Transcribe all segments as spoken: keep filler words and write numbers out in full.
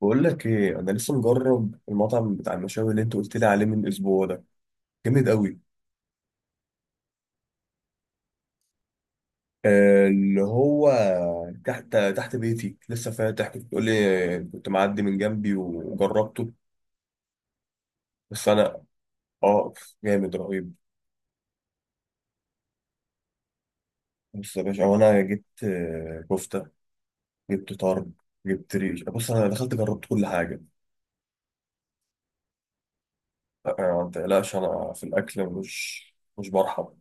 بقول لك ايه، انا لسه مجرب المطعم بتاع المشاوي اللي انت قلت لي عليه من اسبوع ده. جامد قوي. آه، اللي هو تحت تحت بيتي لسه فاتح، كنت بتقول لي كنت معدي من جنبي وجربته. بس انا، اه جامد رهيب. بص يا باشا، هو انا جبت آه، كفته، جبت طرب، جبت ريش. بص انا دخلت جربت كل حاجه. آه، آه، ما تقلقش، انا في الاكل مش مش برحب.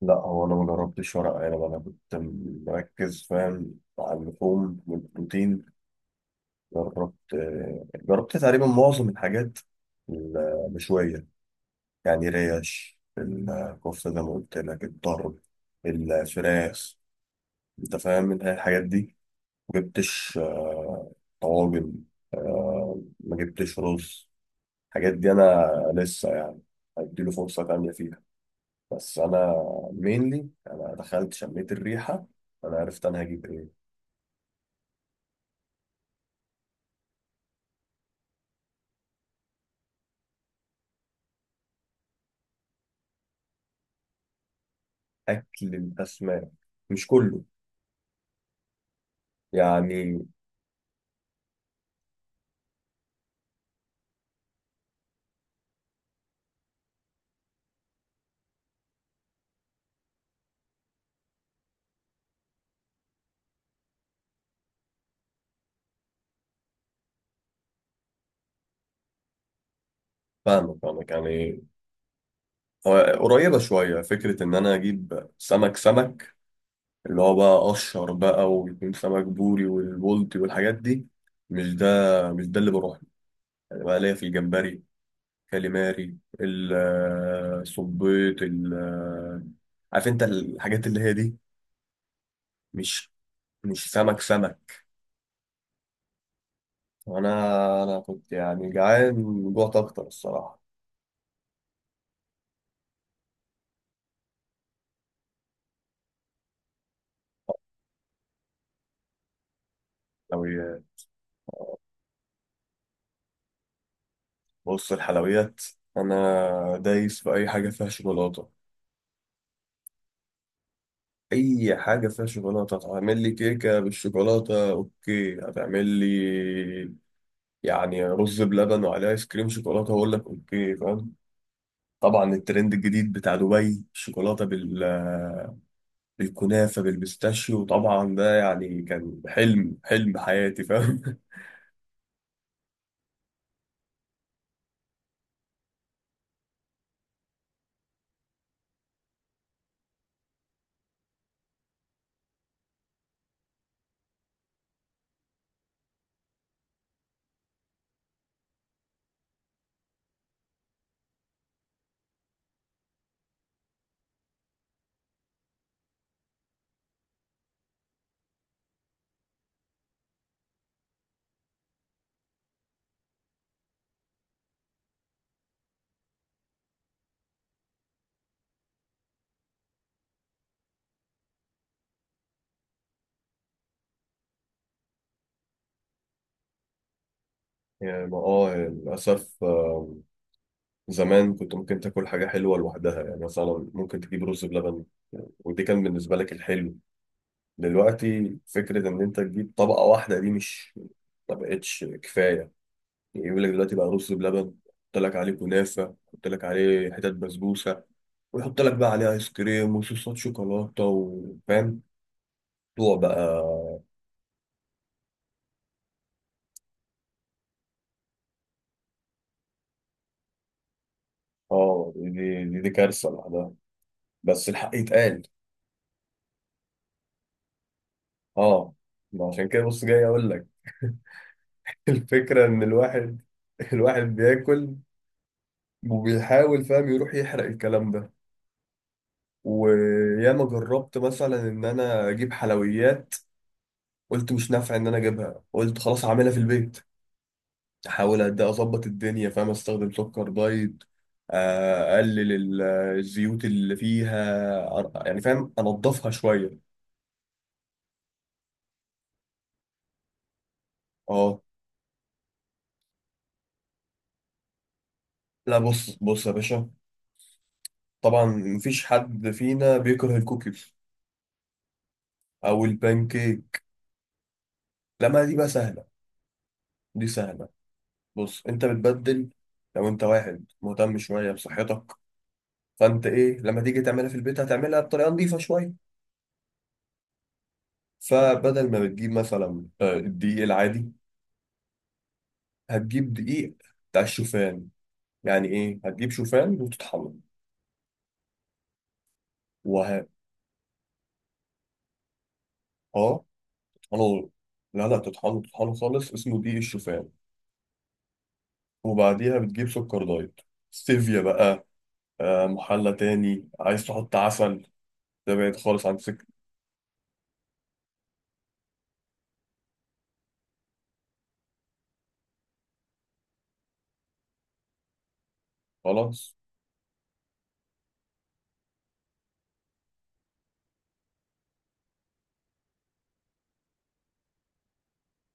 لا، هو انا ما جربتش ورق عنب، انا كنت مركز، فاهم، على اللحوم والبروتين. جربت جربت تقريبا معظم الحاجات المشوية، يعني ريش، الكفتة زي ما قلت لك، الطرب، الفراخ، انت فاهم من الحاجات دي. مجبتش آه، طواجن، آه، ما جبتش رز. الحاجات دي انا لسه يعني هديله فرصة تانية فيها. بس انا مينلي انا دخلت شميت الريحة، انا عرفت انا هجيب ايه. اكل الاسماك مش كله يعني. فاهمك فاهمك يعني. هو قريبة شوية فكرة إن أنا أجيب سمك، سمك اللي هو بقى قشر بقى، ويكون سمك بوري والبولتي والحاجات دي، مش ده مش ده اللي بروح له. يعني بقى ليا في الجمبري، كاليماري، الصبيط، ال- عارف أنت الحاجات اللي هي دي. مش مش سمك سمك. وأنا أنا كنت يعني جعان، جوعت أكتر الصراحة. لو ي- بص الحلويات، أنا دايس في أي حاجة فيها شوكولاتة. اي حاجه فيها شوكولاته، هتعمل لي كيكه بالشوكولاته اوكي، هتعمل لي يعني رز بلبن وعليه ايس كريم شوكولاته هقول لك اوكي، فاهم. طبعا الترند الجديد بتاع دبي، الشوكولاته بال بالكنافه بالبيستاشيو، طبعا ده يعني كان حلم حلم حياتي، فاهم. يعني ما اه للاسف، آه، زمان كنت ممكن تاكل حاجه حلوه لوحدها، يعني مثلا ممكن تجيب رز بلبن، ودي كان بالنسبه لك الحلو. دلوقتي فكرة إن أنت تجيب طبقة واحدة دي مش، ما بقتش كفاية. يعني يقول لك دلوقتي بقى رز بلبن، يحط لك عليه كنافة، يحط لك عليه حتت بسبوسة، ويحط لك بقى عليه آيس كريم وصوصات شوكولاتة، وفاهم الموضوع بقى. اه، دي دي, دي كارثة لوحدها، بس الحق يتقال. اه، ما عشان كده بص جاي أقول لك. الفكرة إن الواحد الواحد بياكل، وبيحاول، فاهم، يروح يحرق الكلام ده. وياما جربت مثلا ان انا اجيب حلويات، قلت مش نافع ان انا اجيبها، قلت خلاص هعملها في البيت، احاول قد إيه اظبط الدنيا، فاهم، استخدم سكر دايت، آه، اقلل ال- الزيوت اللي فيها أر- يعني فاهم انضفها شويه. اه، لا، بص بص يا باشا، طبعا مفيش حد فينا بيكره الكوكيز او البانكيك. لا، ما دي بقى سهله، دي سهله. بص انت بتبدل، لو انت واحد مهتم شويه بصحتك، فانت ايه لما تيجي تعملها في البيت هتعملها بطريقه نظيفه شويه. فبدل ما بتجيب مثلا آه، الدقيق العادي، هتجيب دقيق بتاع الشوفان، يعني ايه؟ هتجيب شوفان وتطحنه. وه... اه تطحنه، لا لا تطحنه تطحنه خالص، اسمه دقيق الشوفان. وبعديها بتجيب سكر دايت، ستيفيا بقى، آه محلى تاني عايز تحط عسل، ده بعيد خالص عن سكر. خلاص،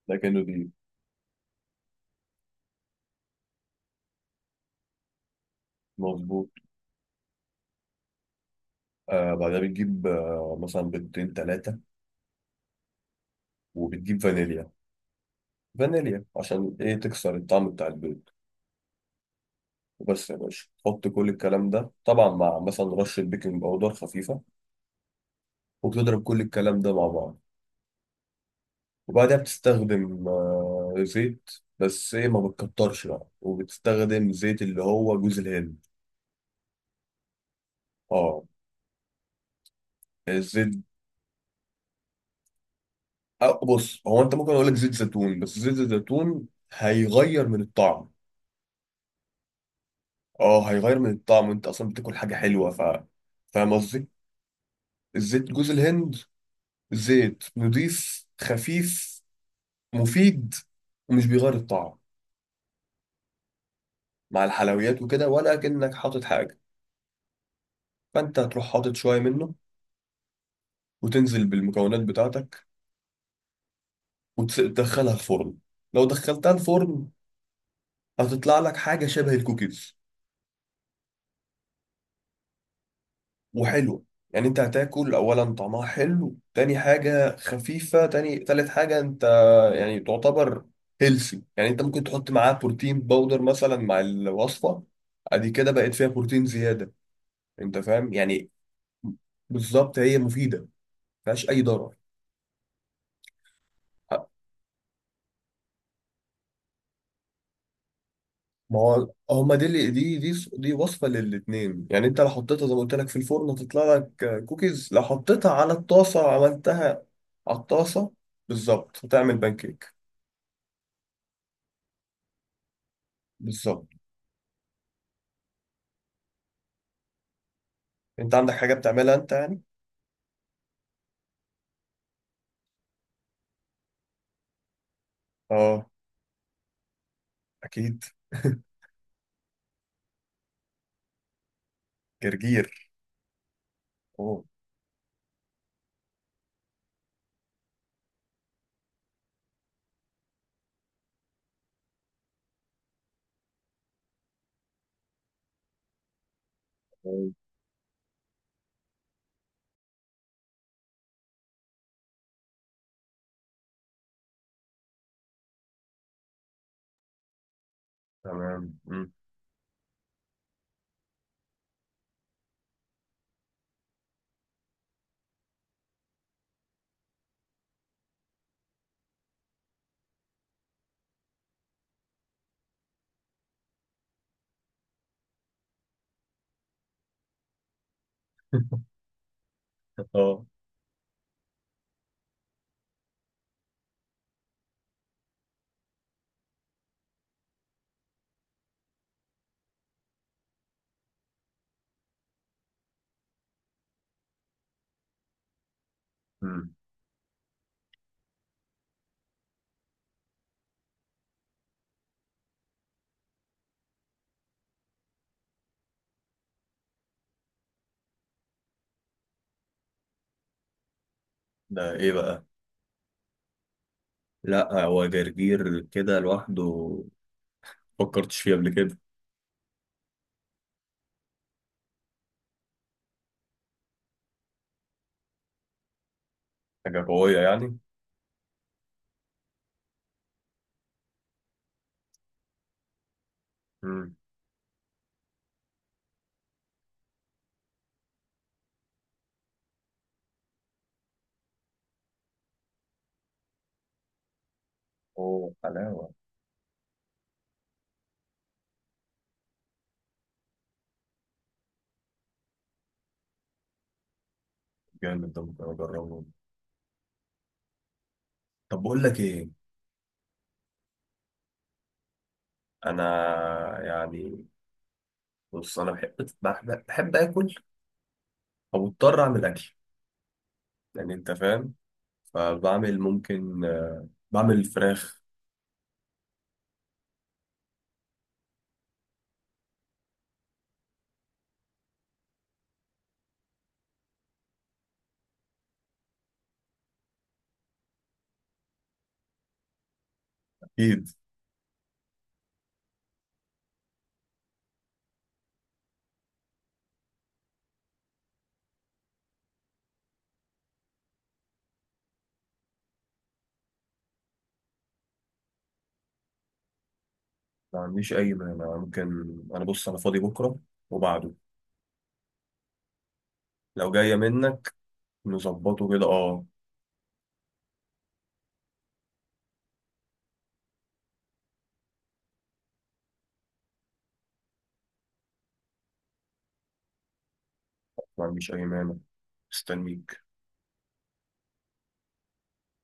ده كأنه دقيق، مظبوط. آه بعدها بتجيب آه مثلا بيضتين تلاتة، وبتجيب فانيليا، فانيليا عشان ايه؟ تكسر الطعم بتاع البيض. وبس يا باشا، حط كل الكلام ده طبعا مع مثلا رشة بيكنج باودر خفيفة، وبتضرب كل الكلام ده مع بعض. وبعدها بتستخدم آه، زيت، بس ايه ما بتكترش بقى، وبتستخدم زيت اللي هو جوز الهند. اه، الزيت. أه، بص، هو انت ممكن اقول لك زيت زيتون، بس زيت الزيتون هيغير من الطعم. اه، هيغير من الطعم، انت اصلا بتاكل حاجة حلوة، ف فاهم قصدي. الزيت جوز الهند، زيت نضيف خفيف، مفيد، ومش بيغير الطعم مع الحلويات وكده، ولا كأنك حاطط حاجة. فأنت تروح حاطط شوية منه، وتنزل بالمكونات بتاعتك، وتدخلها الفرن. لو دخلتها الفرن هتطلع لك حاجة شبه الكوكيز وحلوة. يعني انت هتاكل، اولا طعمها حلو، تاني حاجة خفيفة، تاني تالت حاجة انت يعني تعتبر هيلسي. يعني انت ممكن تحط معاه بروتين باودر مثلا مع الوصفة، ادي كده بقت فيها بروتين زيادة، انت فاهم يعني. بالظبط هي مفيدة فيهاش اي ضرر. ما هو هما دي اللي دي دي دي وصفه للاتنين. يعني انت لو حطيتها زي ما قلت لك في الفرن هتطلع لك كوكيز، لو حطيتها على الطاسه وعملتها على الطاسه بالظبط هتعمل بانكيك. بالظبط. انت عندك حاجه بتعملها انت يعني؟ اه، اكيد. جرجير، اوه. أوه. تمام، مم. اه. مم. ده ايه بقى؟ لا، هو جرجير كده لوحده، فكرتش فيه قبل كده. حاجه قويه يعني. مم. اوه، حلاوه. جامد، ده ممكن اجربه. طب بقول لك ايه. انا يعني، بص، انا بحب بحب, بحب اكل، او اضطر اعمل اكل، يعني انت فاهم، فبعمل ممكن آه، بعمل فراخ. اكيد، ما عنديش اي مانع، ممكن. انا، بص، انا فاضي بكره وبعده، لو جايه منك نظبطه كده، اه. ما عنديش اي مانع، مستنيك.